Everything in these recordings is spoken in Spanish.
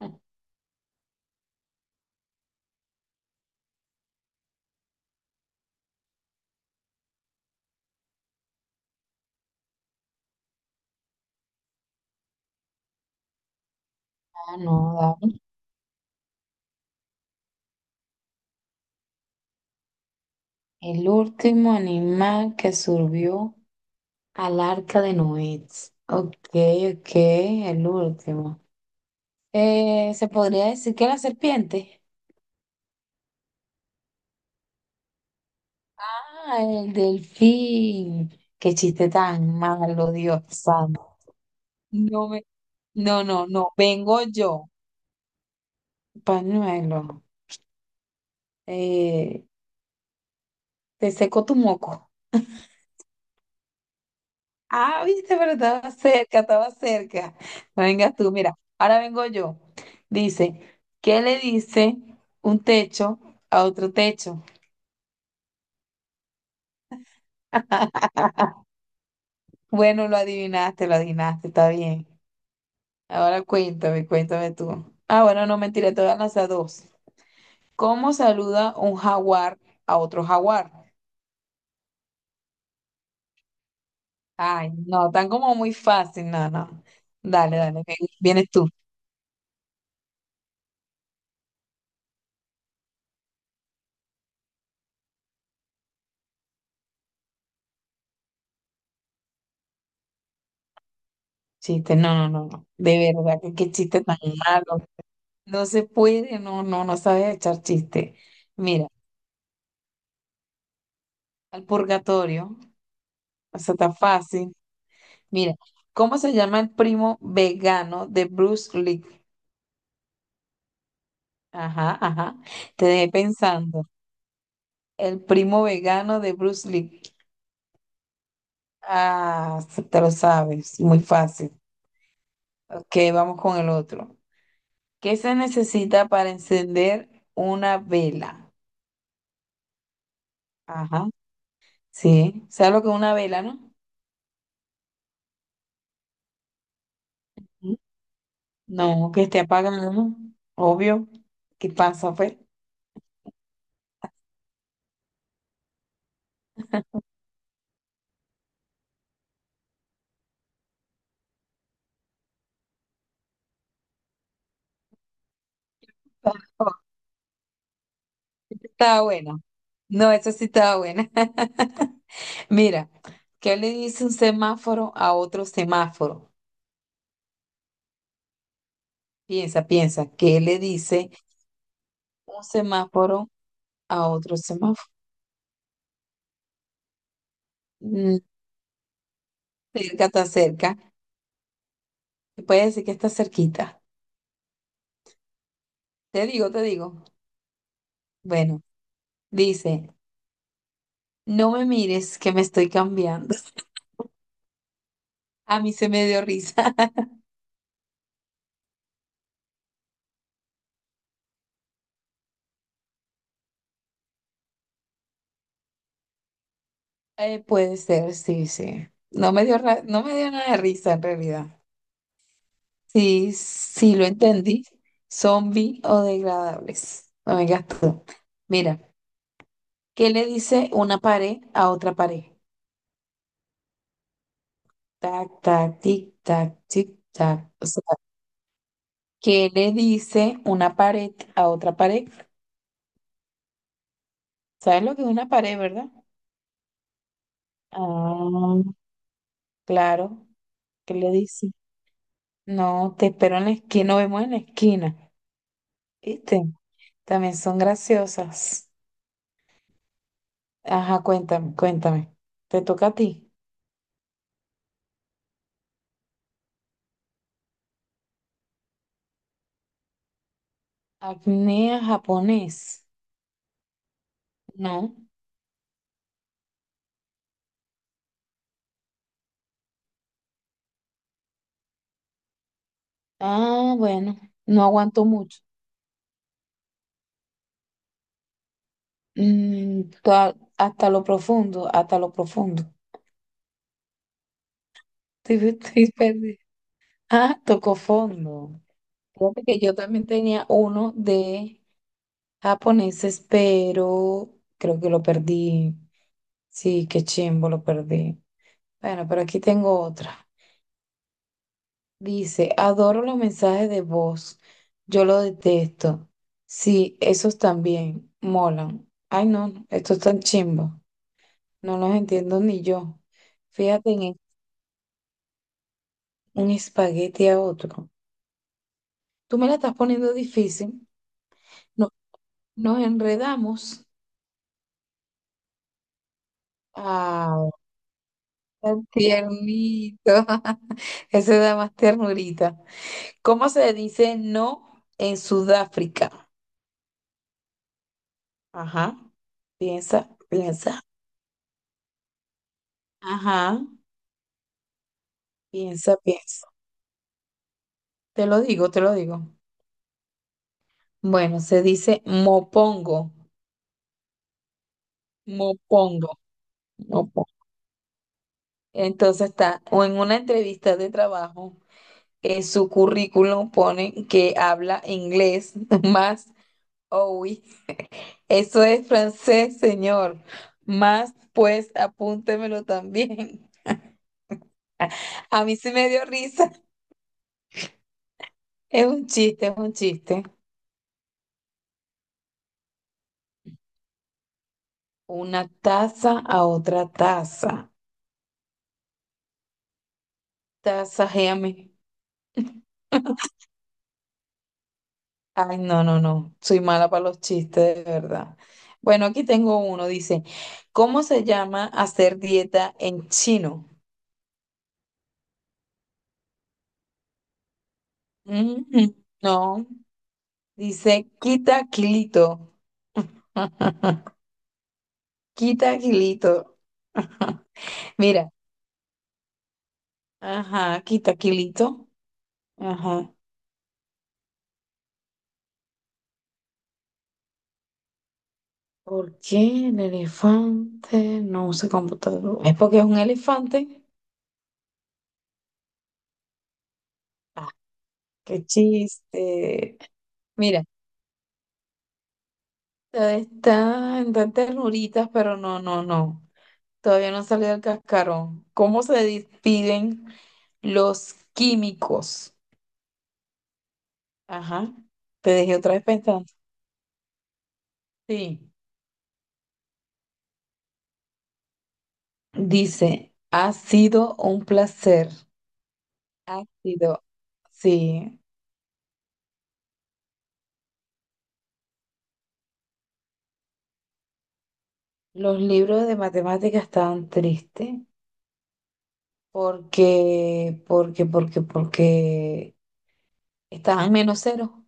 Ah, no, David. El último animal que surgió al arca de Noé. Ok, ok, el último. ¿Se podría decir que la serpiente? Ah, el delfín. Qué chiste tan malo, Dios santo. No me, no, no, no. Vengo yo. Pañuelo. Eh, te seco tu moco. Ah, viste, pero estaba cerca, estaba cerca. No vengas tú, mira, ahora vengo yo. Dice, ¿qué le dice un techo a otro techo? Bueno, lo adivinaste, está bien. Ahora cuéntame, cuéntame tú. Ah, bueno, no mentira, te voy a lanzar dos. ¿Cómo saluda un jaguar a otro jaguar? Ay, no, tan como muy fácil, no, no. Dale, dale, ven, vienes tú. Chiste, no, no, no, no. De verdad, que qué chiste tan malo. No se puede, no, no, no sabes echar chiste. Mira, al purgatorio, o sea, está fácil. Mira, ¿cómo se llama el primo vegano de Bruce Lee? Ajá, ajá. Te dejé pensando. El primo vegano de Bruce Lee. Ah, te lo sabes, muy fácil. Ok, vamos con el otro. ¿Qué se necesita para encender una vela? Ajá, sí. ¿Sabes lo que es una vela, no? No, que esté apagado, obvio. ¿Qué pasa, pues? Oh, esta estaba buena. No, esa sí estaba buena. Mira, ¿qué le dice un semáforo a otro semáforo? Piensa, piensa, ¿qué le dice un semáforo a otro semáforo? Mm, cerca, está cerca. Se puede decir que está cerquita. Te digo, te digo. Bueno, dice, no me mires que me estoy cambiando. A mí se me dio risa. Puede ser, sí, sí. No me dio nada de risa en realidad. Sí, sí lo entendí. Zombie o degradables. No me gastó. Mira, ¿qué le dice una pared a otra pared? Tac, tac, tic, tac, tic, tac. O sea, ¿qué le dice una pared a otra pared? ¿Sabes lo que es una pared, verdad? Ah, claro. ¿Qué le dice? No, te espero en la esquina, nos vemos en la esquina. ¿Viste? También son graciosas. Ajá, cuéntame, cuéntame. ¿Te toca a ti? Apnea japonés. No. Ah, bueno, no aguanto mucho. Hasta lo profundo, hasta lo profundo. Estoy perdida. Ah, tocó fondo. Fíjate que yo también tenía uno de japoneses, pero creo que lo perdí. Sí, qué chimbo, lo perdí. Bueno, pero aquí tengo otra. Dice, adoro los mensajes de voz. Yo lo detesto. Sí, esos también molan. Ay, no, estos están chimbos. No los entiendo ni yo. Fíjate en e- un espagueti a otro. Tú me la estás poniendo difícil. No, nos enredamos. Ah, tan tiernito. Ese da más ternurita. ¿Cómo se dice no en Sudáfrica? Ajá, piensa, piensa. Ajá. Piensa, piensa. Te lo digo, te lo digo. Bueno, se dice mopongo, mopongo, mopongo. Entonces está, o en una entrevista de trabajo, en su currículum ponen que habla inglés, más, oui, eso es francés, señor. Más, pues, apúntemelo también. A mí sí me dio risa. Es un chiste, es un chiste. Una taza a otra taza. Tasajeame. Ay, no, no, no. Soy mala para los chistes, de verdad. Bueno, aquí tengo uno. Dice, ¿cómo se llama hacer dieta en chino? Mm, no. Dice, quita kilito. Quita kilito. Mira. Ajá, quita kilito. Ajá. ¿Por qué el elefante no usa computador? ¿Es porque es un elefante? Ah, qué chiste. Mira. Está en tantas ternuritas, pero no, no, no. Todavía no salió del cascarón. ¿Cómo se despiden los químicos? Ajá. Te dejé otra vez pensando. Sí. Dice, ha sido un placer. Ha sido. Sí. Los libros de matemáticas estaban tristes porque, porque, porque, porque estaban menos cero.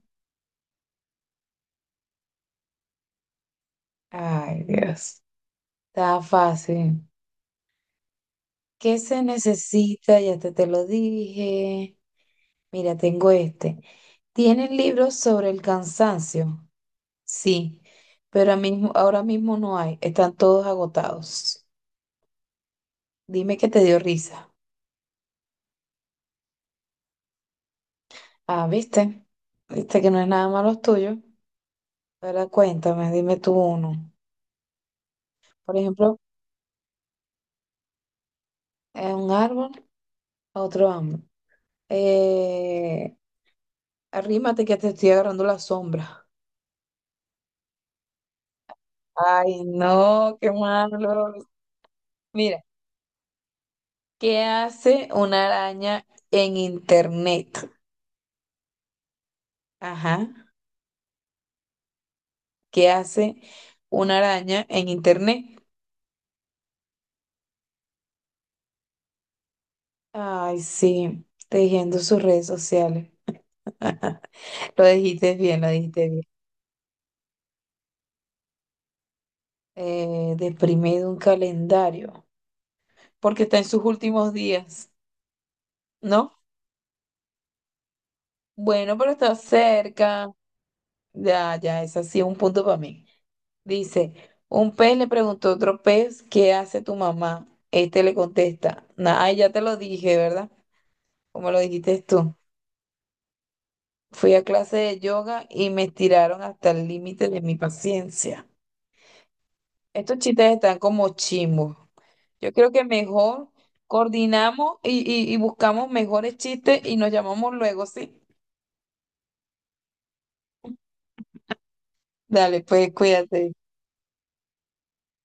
Ay, Dios. Estaba fácil. ¿Qué se necesita? Ya te lo dije. Mira, tengo este. ¿Tienen libros sobre el cansancio? Sí, pero ahora mismo no hay. Están todos agotados. Dime que te dio risa. Ah, ¿viste? Viste que no es nada malo tuyo. Ahora cuéntame, dime tú uno. Por ejemplo, un árbol a otro árbol. Eh, arrímate que te estoy agarrando la sombra. Ay, no, qué malo. Mira. ¿Qué hace una araña en internet? Ajá. ¿Qué hace una araña en internet? Ay, sí, tejiendo sus redes sociales. Lo dijiste bien, lo dijiste bien. Deprimido un calendario, porque está en sus últimos días, ¿no? Bueno, pero está cerca. Ya, ya, es así un punto para mí. Dice, un pez le preguntó a otro pez, ¿qué hace tu mamá? Este le contesta, "Na- ay, ya te lo dije, ¿verdad? Como lo dijiste tú. Fui a clase de yoga y me estiraron hasta el límite de mi paciencia. Estos chistes están como chimbos. Yo creo que mejor coordinamos y buscamos mejores chistes y nos llamamos luego, ¿sí? Dale, pues cuídate.